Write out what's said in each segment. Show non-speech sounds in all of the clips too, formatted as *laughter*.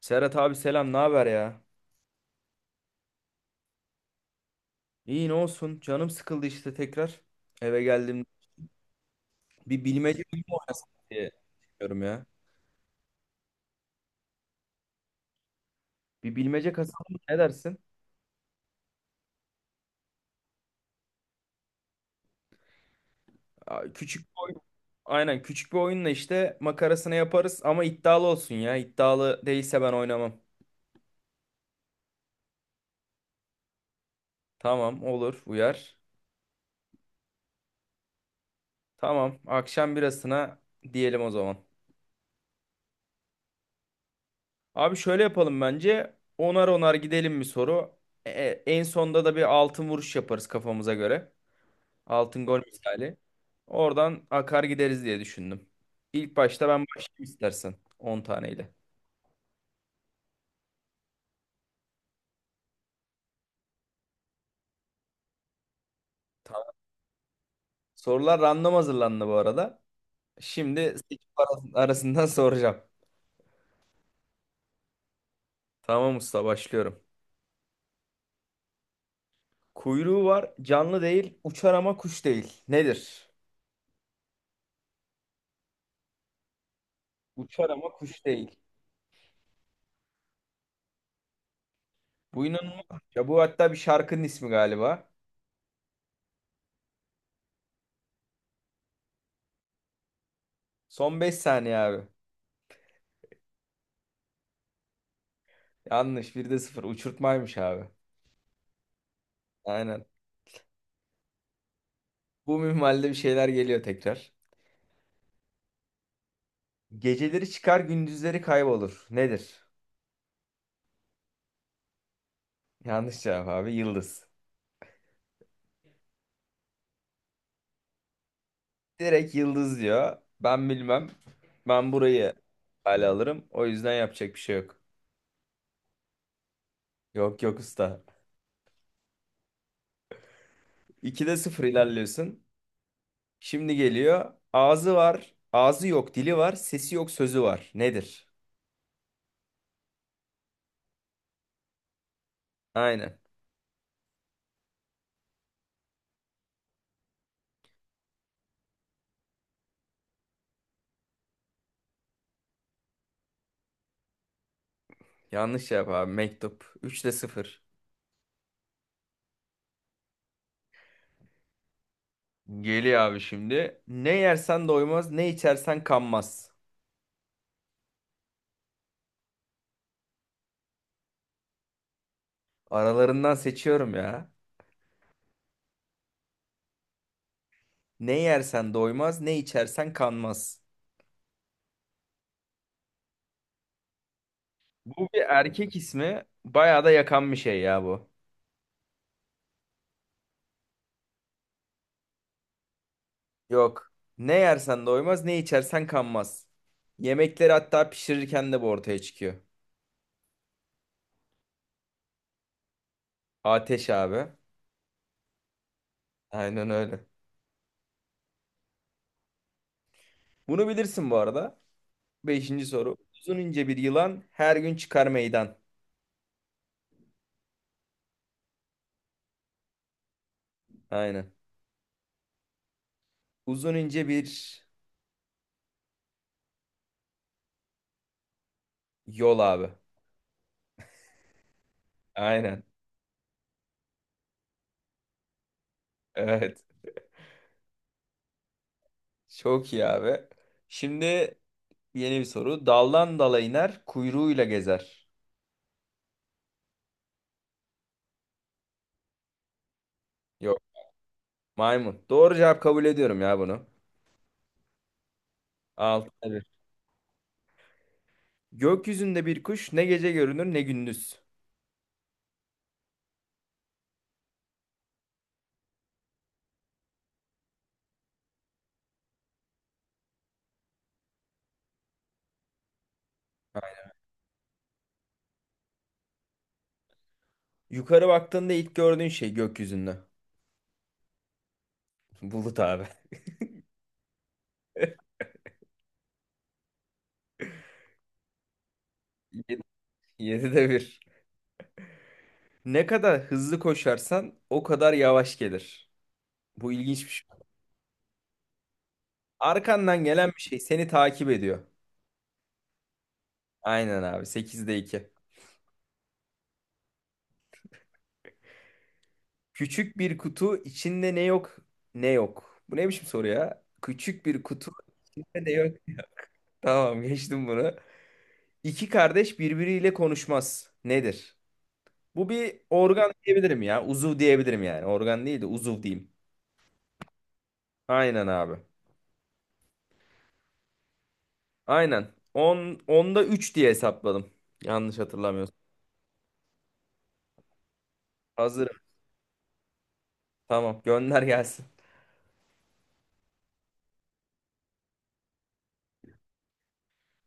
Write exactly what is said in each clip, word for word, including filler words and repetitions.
Serhat abi selam, ne haber ya? İyi ne olsun, canım sıkıldı işte tekrar. Eve geldim. Bir bilmece oyunu mu oynasak diye düşünüyorum ya. Bir bilmece kasalım mı? Ne dersin? Aa, küçük bir oyun. Aynen, küçük bir oyunla işte makarasını yaparız ama iddialı olsun ya. İddialı değilse ben oynamam. Tamam, olur, uyar. Tamam, akşam birasına diyelim o zaman. Abi şöyle yapalım bence. Onar onar gidelim bir soru. E, e, en sonda da bir altın vuruş yaparız kafamıza göre. Altın gol misali. Oradan akar gideriz diye düşündüm. İlk başta ben başlayayım istersen on taneyle. Tamam. Sorular random hazırlandı bu arada. Şimdi seçim aras- arasından *laughs* soracağım. Tamam usta, başlıyorum. Kuyruğu var, canlı değil, uçar ama kuş değil. Nedir? Uçar ama kuş değil. Bu inanılmaz. Ya bu hatta bir şarkının ismi galiba. Son beş saniye abi. Yanlış. Bir de sıfır. Uçurtmaymış abi. Aynen. Bu minvalde bir şeyler geliyor tekrar. Geceleri çıkar, gündüzleri kaybolur. Nedir? Yanlış cevap abi. Yıldız. Direkt yıldız diyor. Ben bilmem. Ben burayı hale alırım. O yüzden yapacak bir şey yok. Yok yok usta. ikide sıfır ilerliyorsun. Şimdi geliyor. Ağzı var. Ağzı yok, dili var. Sesi yok, sözü var. Nedir? Aynen. Yanlış cevap abi. Mektup. üçte sıfır. Geliyor abi şimdi. Ne yersen doymaz, ne içersen kanmaz. Aralarından seçiyorum ya. Ne yersen doymaz, ne içersen kanmaz. Bu bir erkek ismi. Bayağı da yakan bir şey ya bu. Yok. Ne yersen doymaz, ne içersen kanmaz. Yemekleri hatta pişirirken de bu ortaya çıkıyor. Ateş abi. Aynen öyle. Bunu bilirsin bu arada. Beşinci soru. Uzun ince bir yılan, her gün çıkar meydan. Aynen. Uzun ince bir yol abi. Aynen. Evet. Çok iyi abi. Şimdi yeni bir soru. Daldan dala iner, kuyruğuyla gezer. Yok. Maymun. Doğru cevap kabul ediyorum ya bunu. Altı bir. Gökyüzünde bir kuş, ne gece görünür ne gündüz. Yukarı baktığında ilk gördüğün şey gökyüzünde. Bulut abi. *laughs* Yedi- Yedide bir. Ne kadar hızlı koşarsan o kadar yavaş gelir. Bu ilginç bir şey. Arkandan gelen bir şey seni takip ediyor. Aynen abi. Sekizde iki. Küçük bir kutu içinde ne yok ne yok. Bu ne biçim soru ya? Küçük bir kutu içinde ne yok. Tamam, *laughs* geçtim bunu. İki kardeş birbiriyle konuşmaz. Nedir? Bu bir organ diyebilirim ya. Uzuv diyebilirim yani. Organ değil de uzuv diyeyim. Aynen abi. Aynen. on onda üç diye hesapladım. Yanlış hatırlamıyorsam. Hazırım. Tamam, gönder gelsin.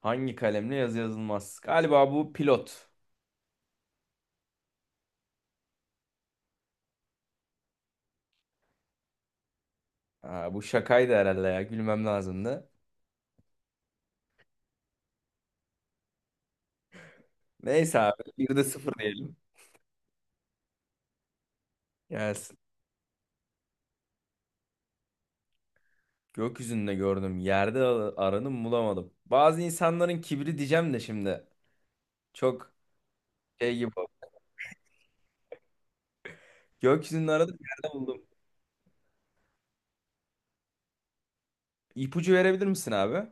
Hangi kalemle yazı yazılmaz? Galiba bu pilot. Ha, bu şakaydı herhalde ya. Gülmem lazımdı. Neyse abi. Bir de sıfır diyelim. Gelsin. Gökyüzünde gördüm. Yerde al- aranım bulamadım. Bazı insanların kibri diyeceğim de şimdi. Çok şey gibi. Gökyüzünde aradım. Yerde buldum. İpucu verebilir misin abi?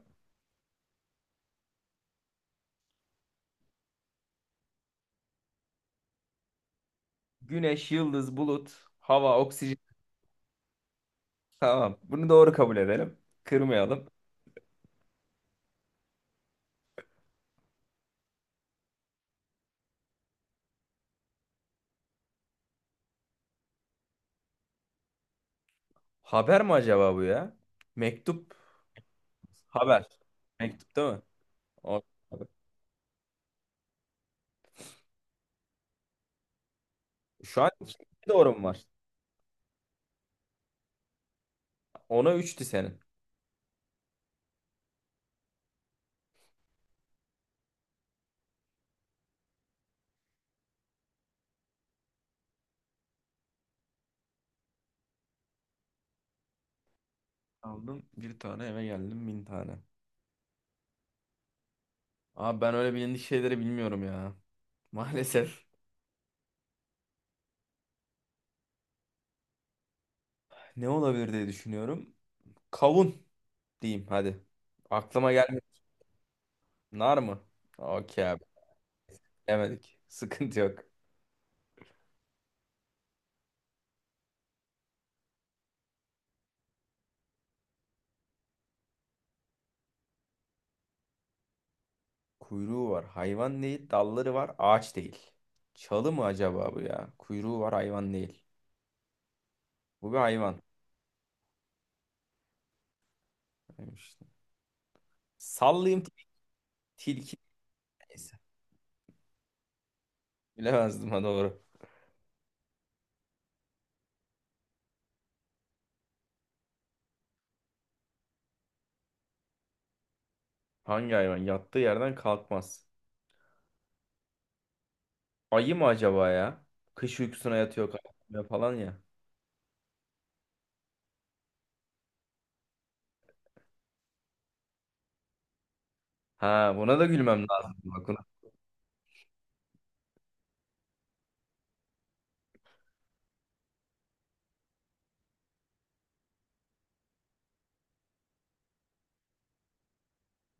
Güneş, yıldız, bulut, hava, oksijen. Tamam. Bunu doğru kabul edelim. Kırmayalım. Haber mi acaba bu ya? Mektup. Haber. Mektup değil mi? O- Şu an iki doğru mu var? Ona üçtü senin. Aldım bir tane, eve geldim bin tane. Abi ben öyle bilindik şeyleri bilmiyorum ya. *laughs* Maalesef. Ne olabilir diye düşünüyorum. Kavun diyeyim hadi. Aklıma gelmedi. Nar mı? Okey abi. Demedik. *laughs* Sıkıntı yok. Kuyruğu var. Hayvan değil. Dalları var. Ağaç değil. Çalı mı acaba bu ya? Kuyruğu var. Hayvan değil. Bu bir hayvan. Neymiş? Sallayayım til- tilki. Neyse. Bilemezdim ha, doğru. Hangi hayvan? Yattığı yerden kalkmaz. Ayı mı acaba ya? Kış uykusuna yatıyor, kalkmıyor falan ya. Ha, buna da gülmem lazım. Bak buna-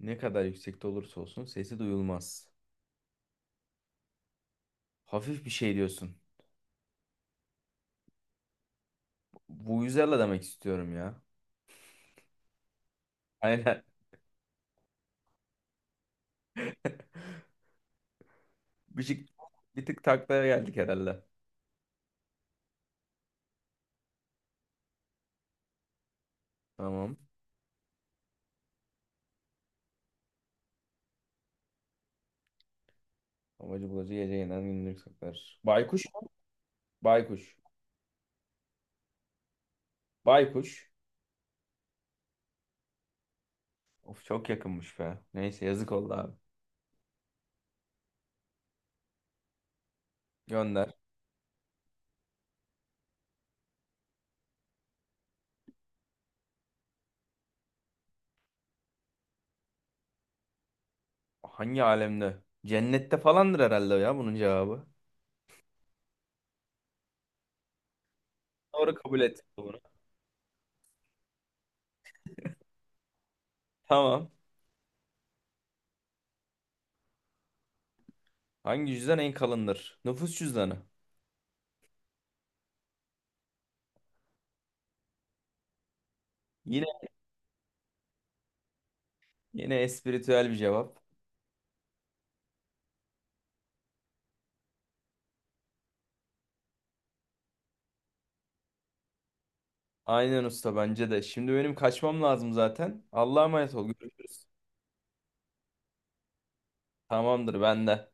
Ne kadar yüksekte olursa olsun sesi duyulmaz. Hafif bir şey diyorsun. Vuvuzela demek istiyorum ya. Aynen. *laughs* Bir, şey, bir tık taklaya geldik herhalde. Tamam. Amacı bulacı gece yeniden gündür saklar. Baykuş mu? Baykuş. Baykuş. Of, çok yakınmış be. Neyse, yazık oldu abi. Gönder. Hangi alemde? Cennette falandır herhalde ya bunun cevabı. Doğru kabul ettik bunu. Tamam. Hangi cüzdan en kalındır? Nüfus cüzdanı. Yine espiritüel bir cevap. Aynen usta, bence de. Şimdi benim kaçmam lazım zaten. Allah'a emanet ol. Görüşürüz. Tamamdır ben de.